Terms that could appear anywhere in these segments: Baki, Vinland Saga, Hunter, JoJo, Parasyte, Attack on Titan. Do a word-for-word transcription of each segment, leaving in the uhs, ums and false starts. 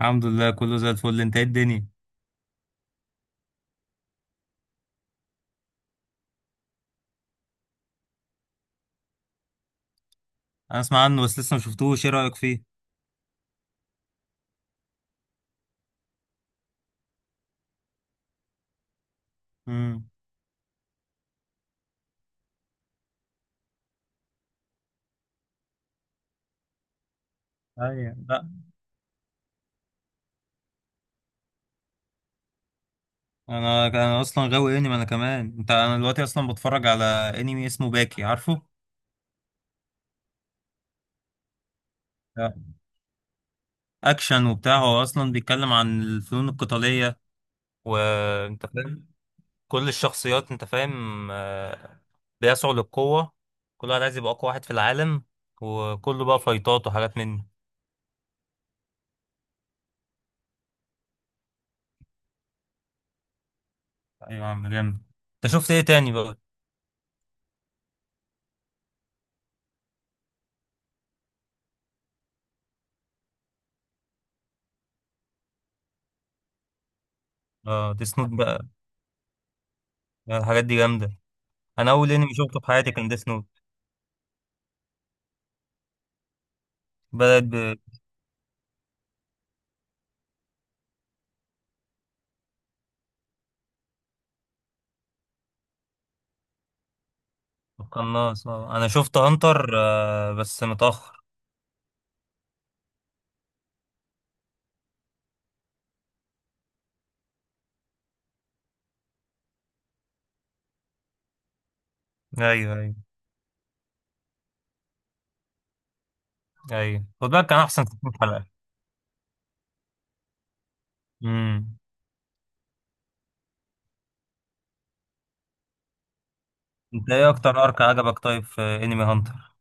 الحمد لله كله زي الفل. انت ايه الدنيا؟ انا اسمع عنه بس لسه ما شفتوش. ايه رايك فيه؟ امم. ايوه، لا. انا انا اصلا غاوي انمي انا كمان. انت انا دلوقتي اصلا بتفرج على انمي اسمه باكي، عارفه؟ لا، اكشن وبتاع. هو اصلا بيتكلم عن الفنون القتاليه، وانت فاهم. كل الشخصيات، انت فاهم، آه، بيسعوا للقوه. كل واحد عايز يبقى اقوى واحد في العالم، وكله بقى فايتات وحاجات من دي. ايوه يا عم، جامد. انت شفت ايه تاني بقى؟ اه، ديس نوت بقى، الحاجات دي جامده. انا اول انمي شفته في حياتي كان ديس نوت. بدأت ب- بالقناص، آه. انا شفت هانتر آه بس متأخر. ايوه ايوه، ايوه خد بالك كان احسن. ستين حلقة. امم. انت ايه اكتر ارك عجبك طيب في انمي هانتر؟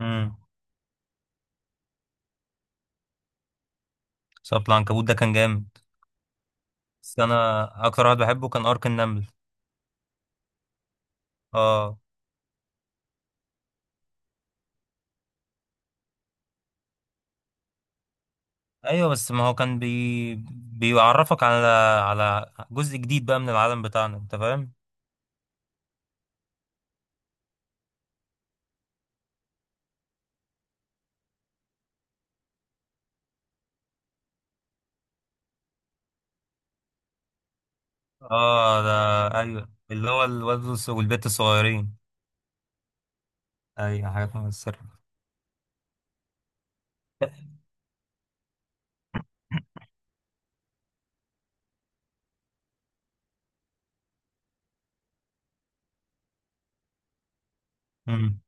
امم، صوت العنكبوت ده كان جامد. بس انا اكتر واحد بحبه كان ارك النمل. اه. ايوه، بس ما هو كان بي... بيعرفك على على جزء جديد بقى من العالم بتاعنا، انت فاهم. اه ده. ايوه، اللي هو الولد والبنت الصغيرين. ايوه، حاجات مؤثرة. امم.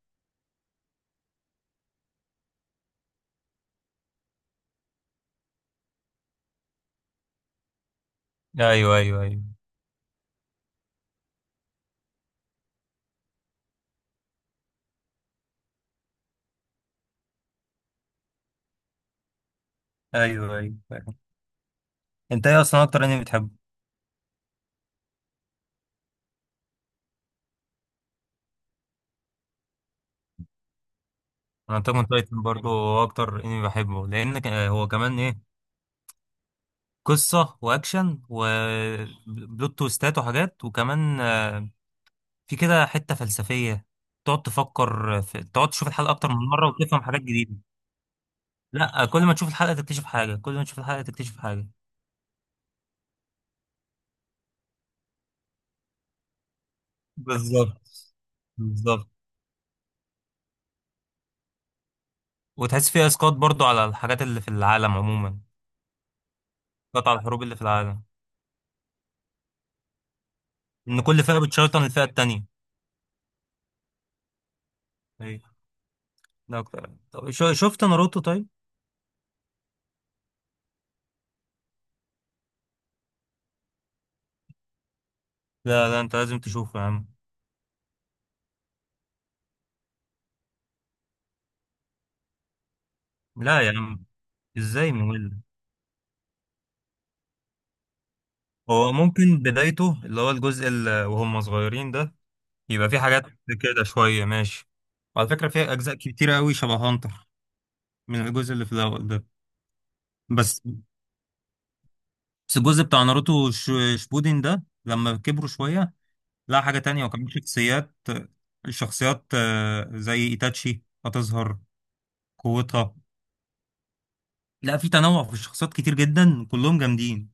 ايوه ايوه ايوه. ايوه ايوه، فاهم. انت ايه اصلا اكتر انمي بتحبه؟ انا اتاك اون تايتن برضه هو اكتر انمي بحبه، لان ك- هو كمان ايه، قصه واكشن وبلوت تويستات وحاجات، وكمان آه، في كده حته فلسفيه. تقعد تفكر في... تقعد تشوف الحلقه اكتر من مره وتفهم حاجات جديده. لا، كل ما تشوف الحلقه تكتشف حاجه، كل ما تشوف الحلقه تكتشف حاجه. بالظبط. بالظبط. وتحس فيها اسقاط برضو على الحاجات اللي في العالم عموما. قطع الحروب اللي في العالم، ان كل فئه بتشيطن الفئه التانية. ايوه. ده اكتر. طب شو- شفت ناروتو طيب؟ لا لا، انت لازم تشوفه يا عم. لا يا عم، ازاي ممل؟ هو ممكن بدايته اللي هو الجزء اللي وهم صغيرين ده يبقى في حاجات كده شويه ماشي، وعلى فكره في اجزاء كتيره قوي شبه هانتر من الجزء اللي في الاول ده. بس بس الجزء بتاع ناروتو ش- شبودين ده لما كبروا شويه، لا، حاجه تانية. وكمان شخصيات، الشخصيات آه، زي ايتاتشي هتظهر قوتها. لا، في تنوع في الشخصيات كتير جدا، كلهم جامدين.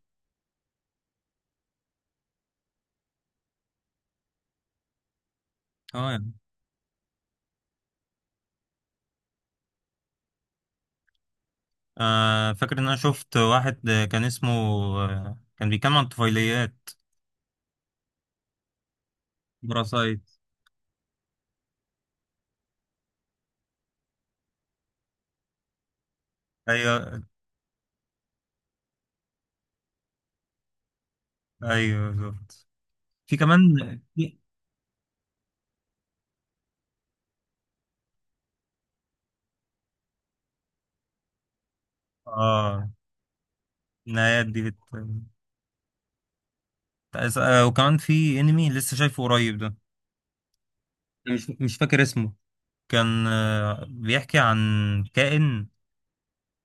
اه يعني. آه، فاكر ان انا شفت واحد، آه، كان اسمه، آه كان بيتكلم عن الطفيليات، براسايت. ايوه. ايوه بالظبط. في كمان، في- اه، النهايات دي بت... تأس- آه. وكمان في انمي لسه شايفه قريب ده، أنا مش مش فاكر اسمه. كان آه بيحكي عن كائن،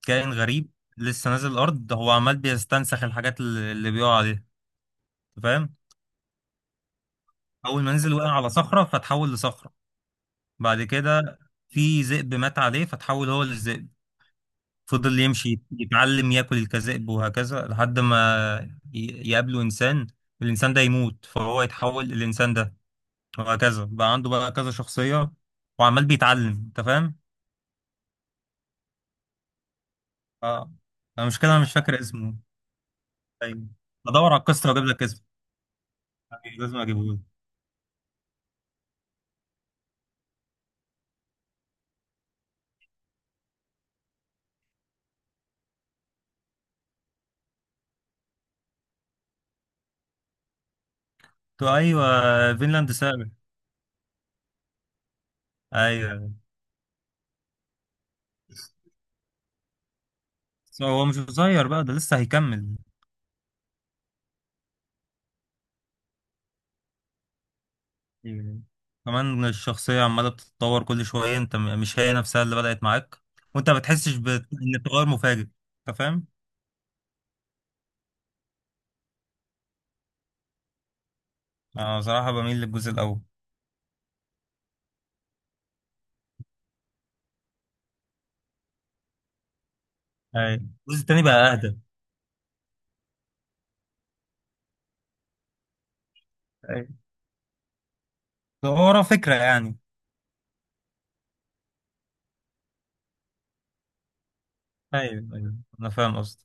كائن غريب لسه نازل الارض، هو عمال بيستنسخ الحاجات اللي اللي بيقع عليها. أنت فاهم؟ اول ما نزل وقع على صخره فتحول لصخره. بعد كده في ذئب مات عليه فتحول هو للذئب. فضل يمشي يتعلم ياكل كذئب وهكذا لحد ما ي- يقابله انسان، الانسان ده يموت فهو يتحول للانسان ده. وهكذا بقى عنده بقى كذا شخصية، وعمال بيتعلم. انت فاهم؟ اه. المشكلة انا مش فاكر اسمه. ايوه، بدور على القصة واجيب لك اسمه. أيوة، لازم اجيبه لك. تو ايوه، فينلاند سابع. ايوه، بس هو مش قصير بقى، ده لسه هيكمل. مم. كمان الشخصية عمالة بتتطور كل شوية، انت م- مش هي نفسها اللي بدأت معاك. وانت ما بتحسش بت- ان التغير مفاجئ. انت فاهم؟ انا بصراحة بميل للجزء الأول. ايوه، الجزء التاني بقى أهدى. ايوه، هو ورا فكرة يعني. ايوه ايوه، انا فاهم قصدي.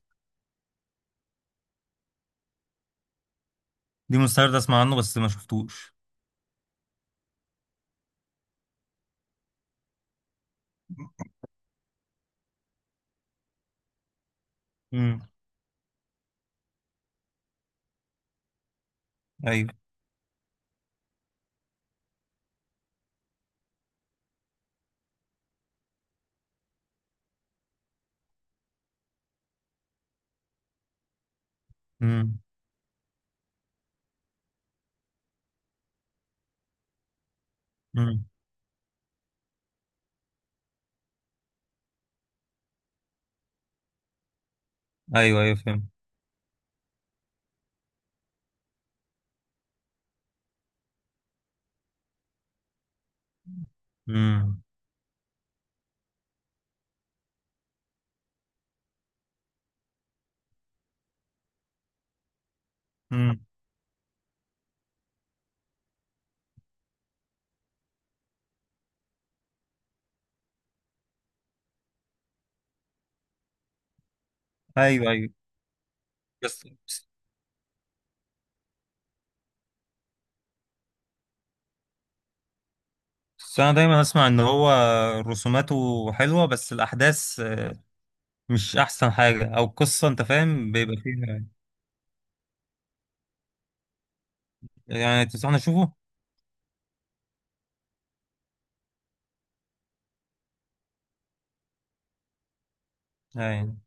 دي مستعد اسمع عنه بس ما شفتوش. امم. ايوه. امم. امم. ايوه ايوه، فاهم. امم. امم. ايوه ايوه. بس بس انا دايما اسمع ان هو رسوماته حلوة بس الأحداث مش احسن حاجه او القصه، انت فاهم، بيبقى فيها. يعني تنصحني اشوفه؟ يعني.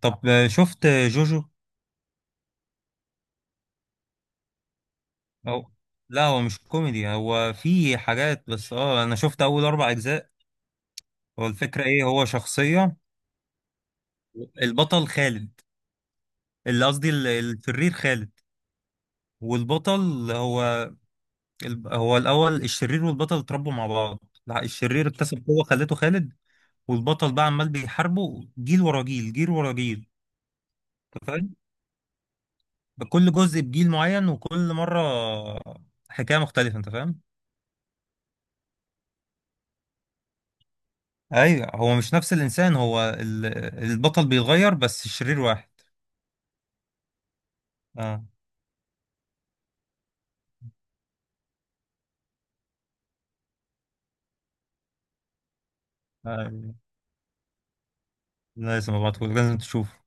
طب آه، شفت جوجو؟ او، لا هو مش كوميدي، هو في حاجات بس. اه انا شفت اول اربع اجزاء. هو الفكره ايه، هو شخصيه البطل خالد، اللي قصدي ال- الشرير خالد والبطل هو الب- هو الاول الشرير والبطل اتربوا مع بعض. لا، الشرير اكتسب قوه خلته خالد. والبطل بقى عمال بيحاربه جيل ورا جيل، جيل ورا جيل. كل جزء بجيل معين، وكل مرة حكاية مختلفة، انت فاهم. ايوه، هو مش نفس الانسان، هو ال- البطل بيتغير بس الشرير واحد. اه. آه. لا، لازم ابعتهولك، لازم تشوفه.